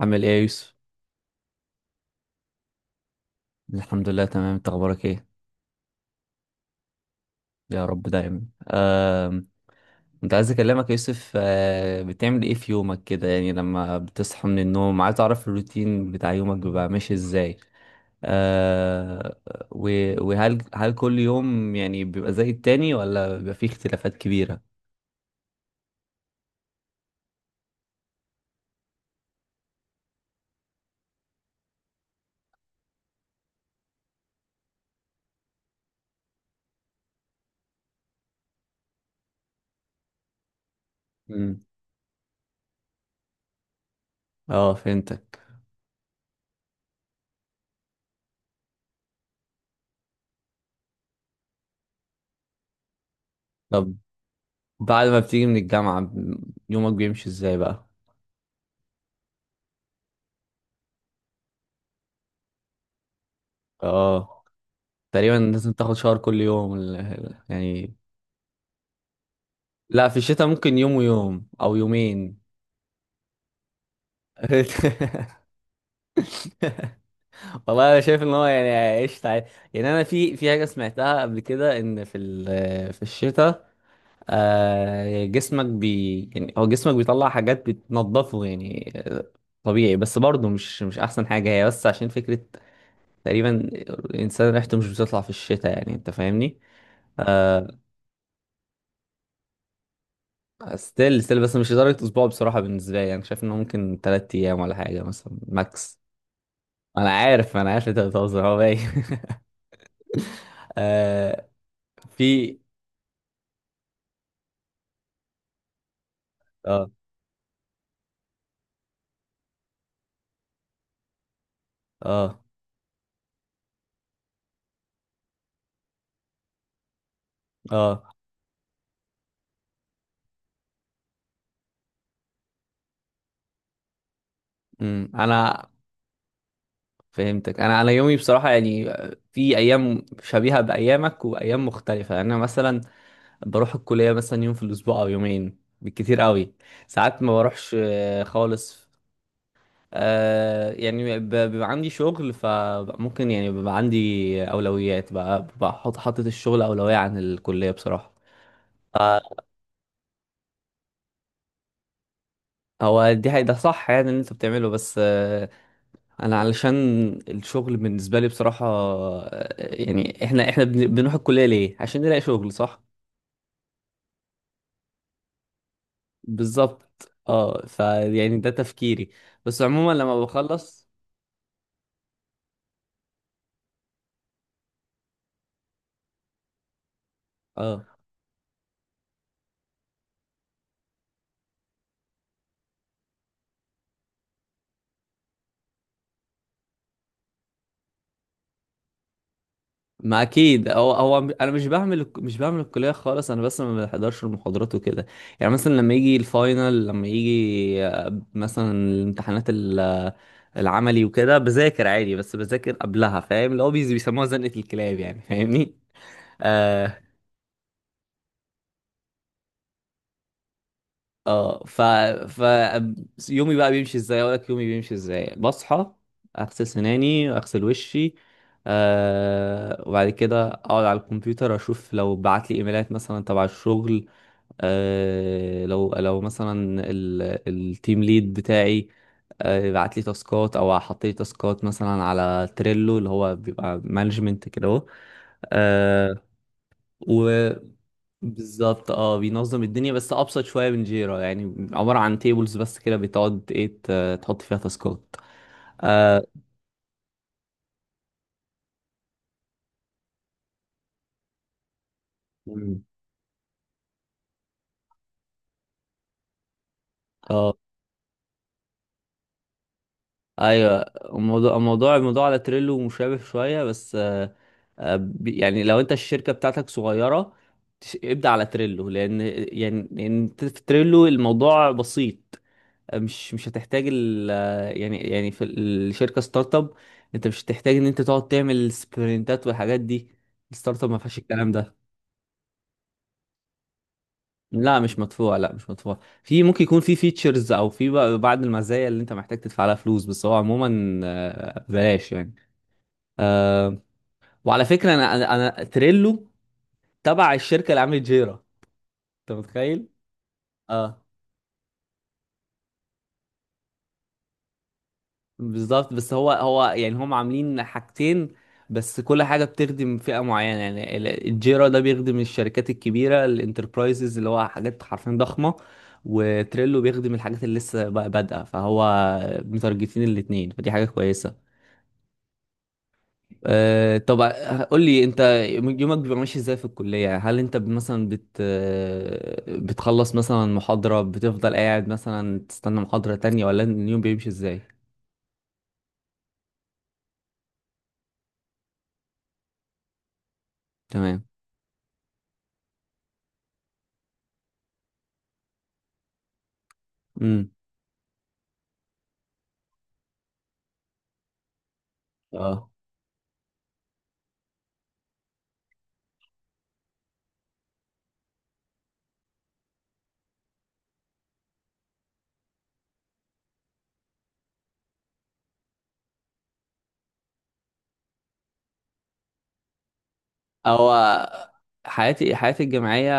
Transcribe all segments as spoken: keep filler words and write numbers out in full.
عامل ايه يا يوسف؟ الحمد لله تمام، انت اخبارك ايه؟ يا رب دايما. آم، كنت عايز اكلمك يا يوسف. آه، بتعمل ايه في يومك كده؟ يعني لما بتصحى من النوم، عايز اعرف الروتين بتاع يومك بيبقى ماشي ازاي. آه، و- وهل هل كل يوم يعني بيبقى زي التاني، ولا بيبقى فيه اختلافات كبيرة؟ مم. اه، فهمتك. طب بعد ما بتيجي من الجامعة ب- يومك بيمشي ازاي بقى؟ اه، تقريبا لازم تاخد شاور كل يوم ال- ال- يعني. لا، في الشتاء ممكن يوم ويوم او يومين. والله انا شايف ان هو يعني عشت عادي. يعني انا في في حاجه سمعتها قبل كده، ان في ال- في الشتاء آه، جسمك بي يعني هو جسمك بيطلع حاجات بتنضفه يعني. آه، طبيعي، بس برضه مش مش احسن حاجه، هي بس عشان فكره. تقريبا الانسان ريحته مش بتطلع في الشتاء، يعني انت فاهمني. آه، ستيل ستيل، بس مش لدرجه اسبوع. بصراحه بالنسبه لي، انا شايف انه ممكن 3 ايام ولا حاجه مثلا، ماكس. انا عارف، انا عارف انت بتهزر، هو باين. آه. في. اه. اه. اه. امم، انا فهمتك. انا انا يومي بصراحه يعني في ايام شبيهه بايامك، وايام مختلفه. يعني انا مثلا بروح الكليه مثلا يوم في الاسبوع او يومين بالكتير قوي. ساعات ما بروحش آه، خالص. آه، يعني ب- بيبقى عندي شغل، فممكن يعني بيبقى عندي اولويات بقى، بحط حاطط الشغل اولويه عن الكليه بصراحه. آه، هو دي حقيقة، ده صح يعني اللي انت بتعمله، بس آه، انا علشان الشغل بالنسبة لي بصراحة، آه، يعني احنا احنا بن- بنروح الكلية ليه؟ عشان نلاقي شغل صح؟ بالظبط. اه، فيعني ده تفكيري، بس عموما لما بخلص. اه، ما اكيد. هو هو انا مش بعمل مش بعمل الكليه خالص، انا بس ما بحضرش المحاضرات وكده. يعني مثلا لما يجي الفاينل، لما يجي آه، مثلا الامتحانات ال- آه، العملي وكده، بذاكر عادي، بس بذاكر قبلها، فاهم اللي هو بيز- بيسموها زنقه الكلاب، يعني فاهمني. اه. اه. ف ف يومي بقى بيمشي ازاي؟ اقول لك يومي بيمشي ازاي. بصحى، اغسل سناني، اغسل وشي، آه، وبعد كده اقعد على الكمبيوتر، اشوف لو بعت لي ايميلات مثلا تبع الشغل. آه، لو لو مثلا ال- التيم ليد بتاعي آه بعت لي تاسكات، او حط لي تاسكات مثلا على تريلو، اللي هو بيبقى مانجمنت كده اهو. آه، وبالظبط اه، بينظم الدنيا، بس ابسط شويه من جيرا. يعني عباره عن تيبلز بس كده، بتقعد ايه ت- تحط فيها تاسكات. اه. مم. ايوه. الموضوع الموضوع الموضوع على تريلو مشابه شويه، بس آه، آه، ب- يعني لو انت الشركه بتاعتك صغيره، تش- ابدا على تريلو، لان يعني لان في تريلو الموضوع بسيط. آه، مش مش هتحتاج ال آه، يعني يعني في الشركه ستارت اب، انت مش هتحتاج ان انت تقعد تعمل سبرنتات والحاجات دي. الستارت اب ما فيهاش الكلام ده. لا، مش مدفوع. لا، مش مدفوع. في ممكن يكون في فيتشرز او في بقى بعض المزايا اللي انت محتاج تدفع لها فلوس، بس هو عموما آه، بلاش يعني. آه، وعلى فكره انا انا, أنا تريلو تبع الشركه اللي عملت جيرا. انت متخيل؟ اه، بالظبط. بس هو هو يعني هم عاملين حاجتين، بس كل حاجه بتخدم فئه معينه. يعني ال- الجيرا ده بيخدم الشركات الكبيره، الانتربرايزز، اللي هو حاجات حرفيا ضخمه. وتريلو بيخدم الحاجات اللي لسه بقى بادئه. فهو متارجتين الاتنين، فدي حاجه كويسه. أه طب، آه، قول لي انت يومك بيبقى ماشي ازاي في الكلية؟ يعني هل انت مثلا بت آه، بتخلص مثلا محاضرة، بتفضل قاعد مثلا تستنى محاضرة تانية، ولا اليوم بيمشي ازاي؟ تمام. امم. اه. هو حياتي حياتي الجامعية،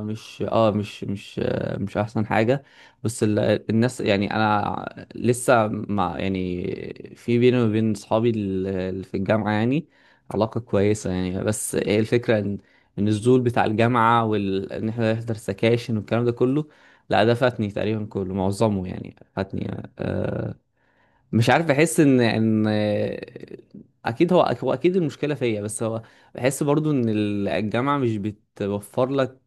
مش اه مش مش مش أحسن حاجة، بس ال... الناس يعني، أنا لسه مع يعني في بيني وبين صحابي ال- اللي في الجامعة يعني علاقة كويسة يعني. بس هي الفكرة إن إن الزول بتاع الجامعة، وإن إن إحنا نحضر سكاشن والكلام ده كله، لا، ده فاتني تقريبا كله، معظمه يعني فاتني. آه، مش عارف، بحس ان ان اكيد هو هو اكيد المشكله فيا، بس هو بحس برضو ان ال- الجامعه مش بتوفر لك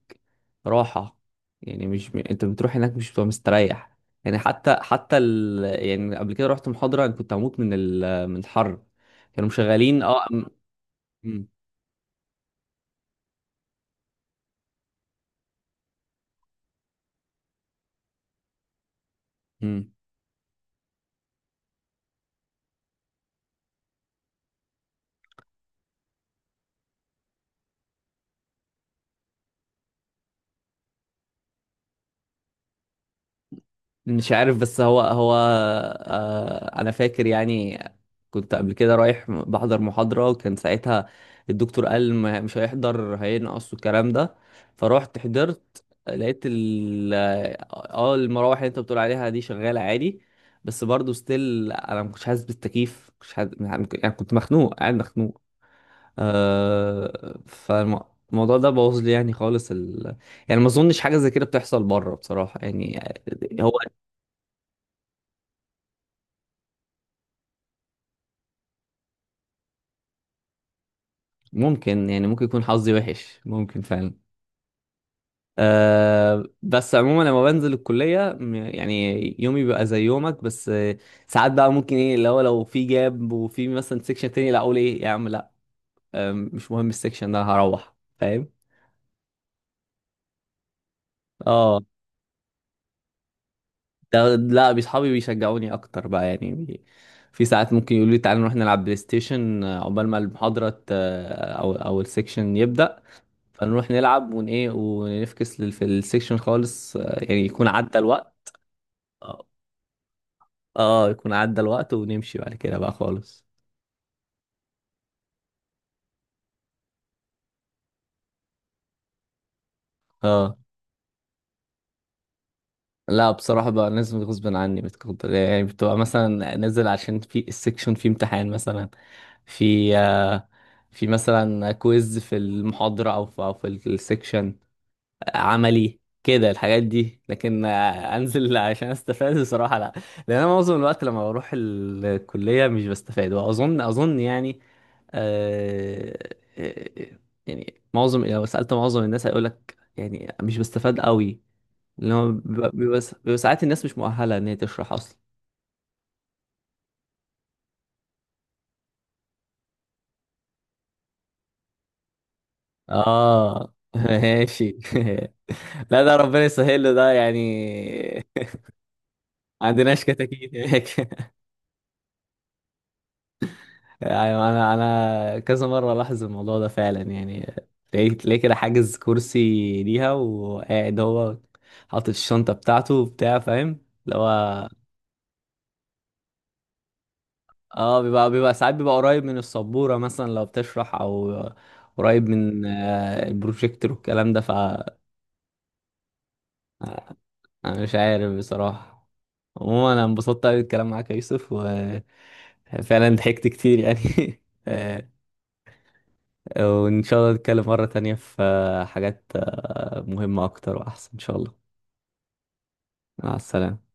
راحه. يعني مش م... انت بتروح هناك مش بتبقى مستريح. يعني حتى حتى ال... يعني قبل كده رحت محاضره، انا كنت هموت من ال... من الحر. كانوا مشغلين اه م- م- م. مش عارف، بس هو هو آه انا فاكر يعني كنت قبل كده رايح م- بحضر محاضرة، وكان ساعتها الدكتور قال ما- مش هيحضر، هينقص والكلام ده، فروحت حضرت، لقيت ال اه آه، المراوح اللي انت بتقول عليها دي شغالة عادي. بس برضه ستيل انا ما كنتش حاسس بالتكييف، مش حاسس يعني، كنت مخنوق، قاعد مخنوق. آه، فالموضوع ده بوظ لي يعني خالص ال... يعني ما اظنش حاجة زي كده بتحصل بره بصراحة يعني. هو ممكن يعني، ممكن يكون حظي وحش، ممكن فعلا. أه بس عموما لما بنزل الكلية م- يعني يومي بيبقى زي يومك، بس آه، ساعات بقى ممكن ايه اللي هو لو في جاب، وفي مثلا سيكشن تاني، لا اقول ايه يا عم، لا آه، مش مهم، السيكشن ده هروح فاهم. اه، ده لا، اصحابي بيشجعوني اكتر بقى يعني بي... في ساعات ممكن يقولوا لي تعالى نروح نلعب بلاي ستيشن آه، عقبال ما المحاضرة ت- آه، او او السيكشن يبدأ، فنروح نلعب ون ايه، ونفكس لل- في السيكشن خالص. آه، يعني يكون عدى الوقت. اه، آه، يكون عدى الوقت ونمشي بعد كده بقى خالص. اه، لا بصراحة بقى لازم غصب عني، بتقدر يعني بتبقى مثلا نازل عشان في السيكشن في امتحان مثلا، في آه، في مثلا كويز في المحاضرة، أو في أو في السيكشن عملي كده، الحاجات دي. لكن آه، انزل عشان استفاد بصراحه لا، لان انا معظم الوقت لما بروح الكليه مش بستفاد. واظن اظن يعني آه آه، آه، يعني معظم، لو سالت معظم الناس هيقول لك يعني مش بستفاد قوي، اللي هو بيبقى بيبقى بيبقى ساعات الناس مش مؤهله ان هي تشرح اصلا. اه. ماشي. لا، ده ربنا يسهل له ده يعني. عندناش كتاكيت هناك. يعني انا انا كذا مره لاحظ الموضوع ده فعلا يعني. تلاقيه تلاقيه كده حاجز كرسي ليها، وقاعد هو حاطط الشنطه بتاعته وبتاع، فاهم. اللي هو اه بيبقى بيبقى ساعات بيبقى قريب من السبوره مثلا لو بتشرح، او قريب من آه، البروجيكتور والكلام ده، فانا مش عارف بصراحه. عموما انا انبسطت قوي بالكلام معاك يا يوسف، وفعلا ضحكت كتير يعني. وإن شاء الله نتكلم مرة تانية في آه، حاجات آه، مهمة أكتر وأحسن إن شاء الله. مع السلامة.